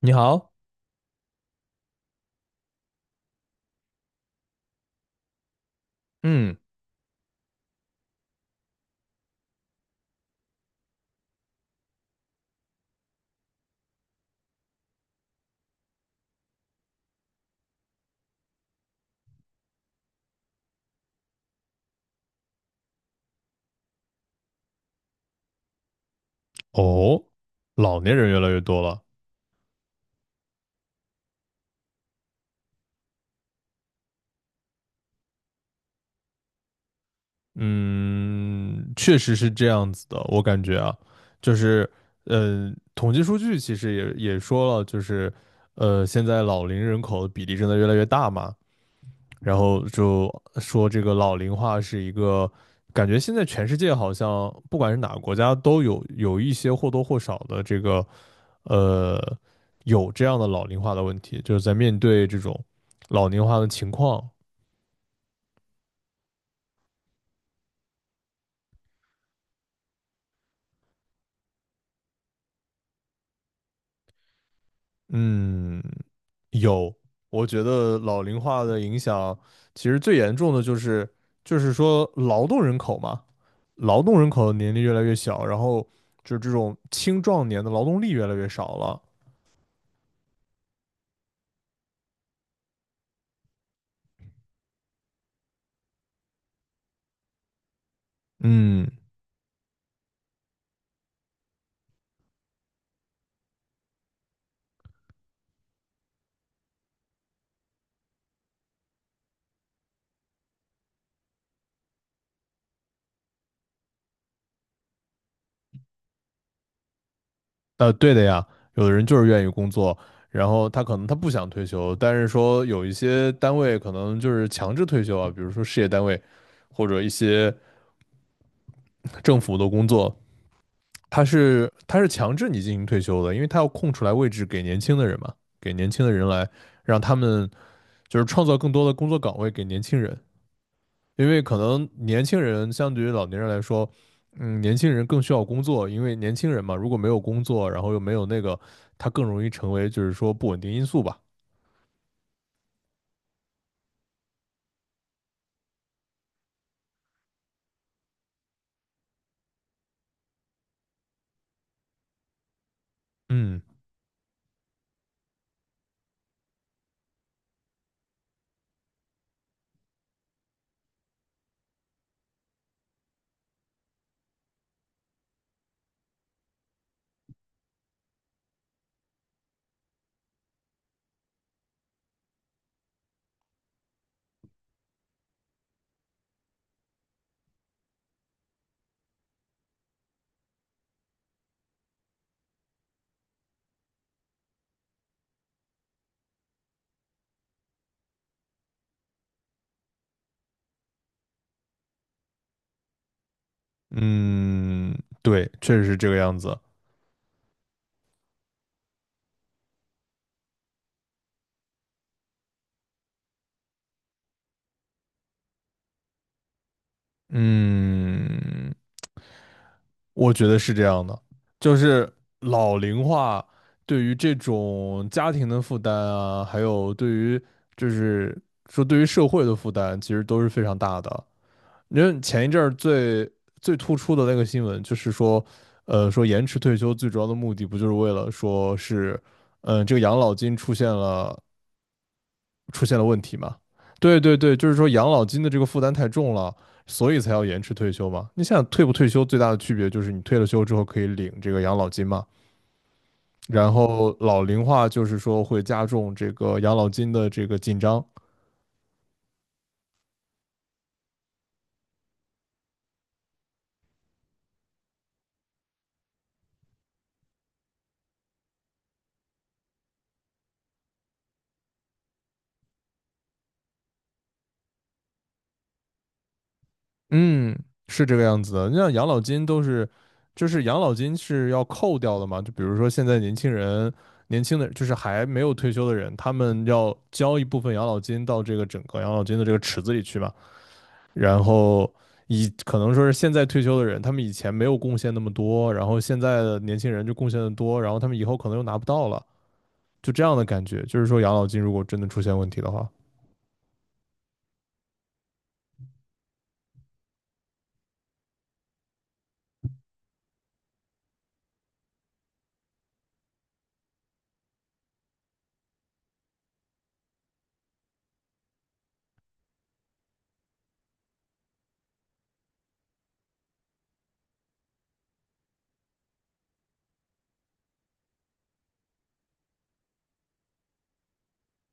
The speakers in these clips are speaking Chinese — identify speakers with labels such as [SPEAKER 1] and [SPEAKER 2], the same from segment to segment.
[SPEAKER 1] 你好。嗯。哦，老年人越来越多了。嗯，确实是这样子的，我感觉啊，就是，统计数据其实也说了，就是，现在老龄人口的比例正在越来越大嘛。然后就说这个老龄化是一个，感觉现在全世界好像不管是哪个国家都有一些或多或少的这个，呃，有这样的老龄化的问题，就是在面对这种老龄化的情况。嗯，有，我觉得老龄化的影响其实最严重的就是就是说劳动人口嘛，劳动人口的年龄越来越小，然后就是这种青壮年的劳动力越来越少了。嗯。对的呀，有的人就是愿意工作，然后他可能不想退休，但是说有一些单位可能就是强制退休啊，比如说事业单位或者一些政府的工作，他是强制你进行退休的，因为他要空出来位置给年轻的人嘛，给年轻的人来让他们就是创造更多的工作岗位给年轻人，因为可能年轻人相对于老年人来说，嗯，年轻人更需要工作，因为年轻人嘛，如果没有工作，然后又没有那个，他更容易成为就是说不稳定因素吧。嗯嗯。对，确实是这个样子。嗯，我觉得是这样的，就是老龄化对于这种家庭的负担啊，还有对于就是说对于社会的负担，其实都是非常大的。因为前一阵儿最突出的那个新闻就是说，呃，说延迟退休最主要的目的不就是为了说是，嗯、这个养老金出现了问题嘛？对对对，就是说养老金的这个负担太重了，所以才要延迟退休嘛。你想退不退休最大的区别就是你退了休之后可以领这个养老金嘛，然后老龄化就是说会加重这个养老金的这个紧张。嗯，是这个样子的。你像养老金都是，就是养老金是要扣掉的嘛。就比如说现在年轻人，年轻的就是还没有退休的人，他们要交一部分养老金到这个整个养老金的这个池子里去嘛。然后以可能说是现在退休的人，他们以前没有贡献那么多，然后现在的年轻人就贡献的多，然后他们以后可能又拿不到了，就这样的感觉。就是说养老金如果真的出现问题的话。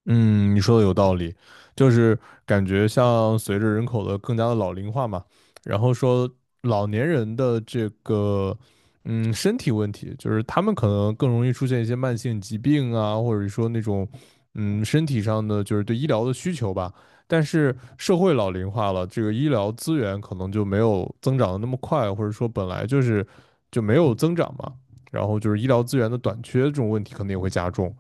[SPEAKER 1] 嗯，你说的有道理，就是感觉像随着人口的更加的老龄化嘛，然后说老年人的这个嗯身体问题，就是他们可能更容易出现一些慢性疾病啊，或者说那种嗯身体上的就是对医疗的需求吧。但是社会老龄化了，这个医疗资源可能就没有增长的那么快，或者说本来就是就没有增长嘛，然后就是医疗资源的短缺这种问题可能也会加重。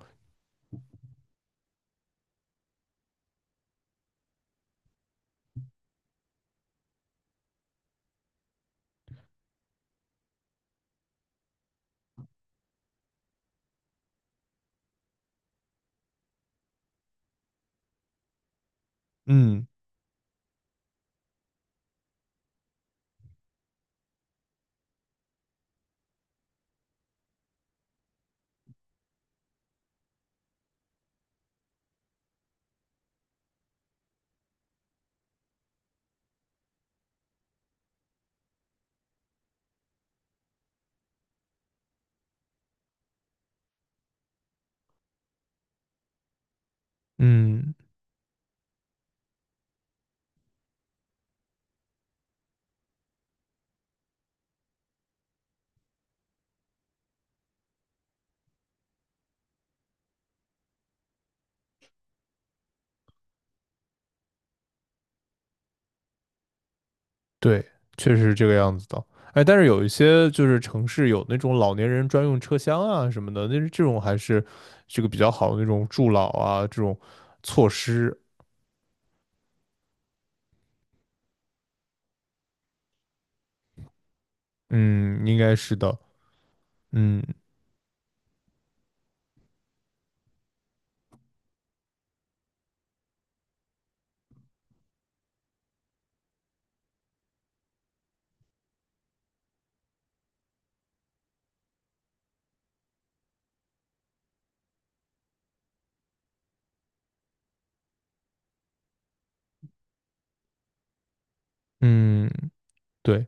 [SPEAKER 1] 嗯嗯。对，确实是这个样子的。哎，但是有一些就是城市有那种老年人专用车厢啊什么的，那这种还是这个比较好的那种助老啊这种措施。嗯，应该是的。嗯嗯。对。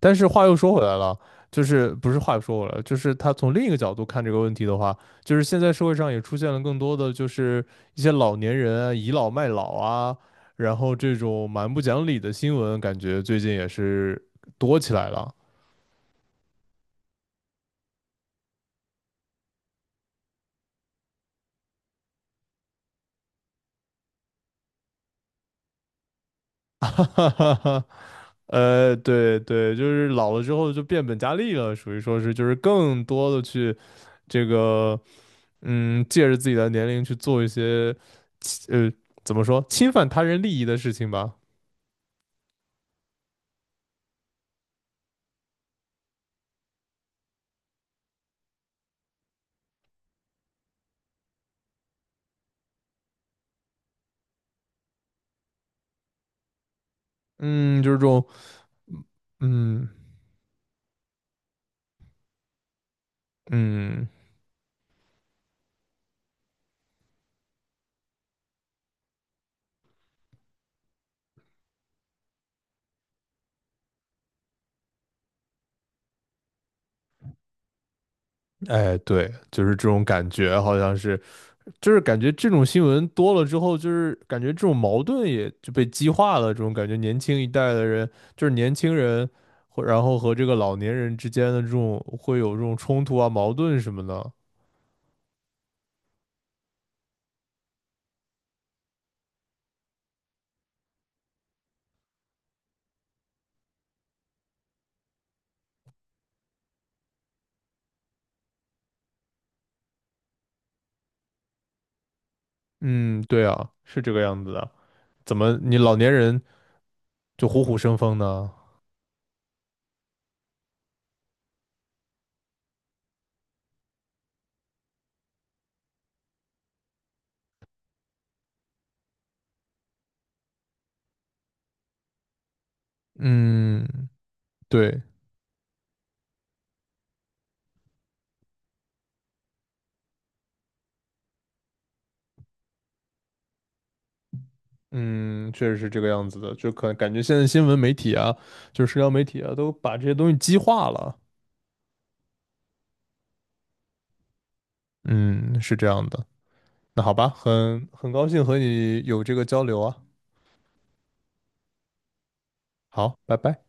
[SPEAKER 1] 但是话又说回来了，就是不是话又说回来了，就是他从另一个角度看这个问题的话，就是现在社会上也出现了更多的就是一些老年人啊倚老卖老啊，然后这种蛮不讲理的新闻，感觉最近也是多起来了。哈哈哈哈，对对，就是老了之后就变本加厉了，属于说是就是更多的去这个，嗯，借着自己的年龄去做一些，呃，怎么说，侵犯他人利益的事情吧。嗯，就是这种。嗯嗯。哎，对，就是这种感觉，好像是，就是感觉这种新闻多了之后，就是感觉这种矛盾也就被激化了，这种感觉，年轻一代的人，就是年轻人，或然后和这个老年人之间的这种会有这种冲突啊、矛盾什么的。嗯，对啊，是这个样子的。怎么你老年人就虎虎生风呢？嗯，对。嗯，确实是这个样子的，就可感觉现在新闻媒体啊，就是社交媒体啊，都把这些东西激化了。嗯，是这样的。那好吧，很高兴和你有这个交流啊。好，拜拜。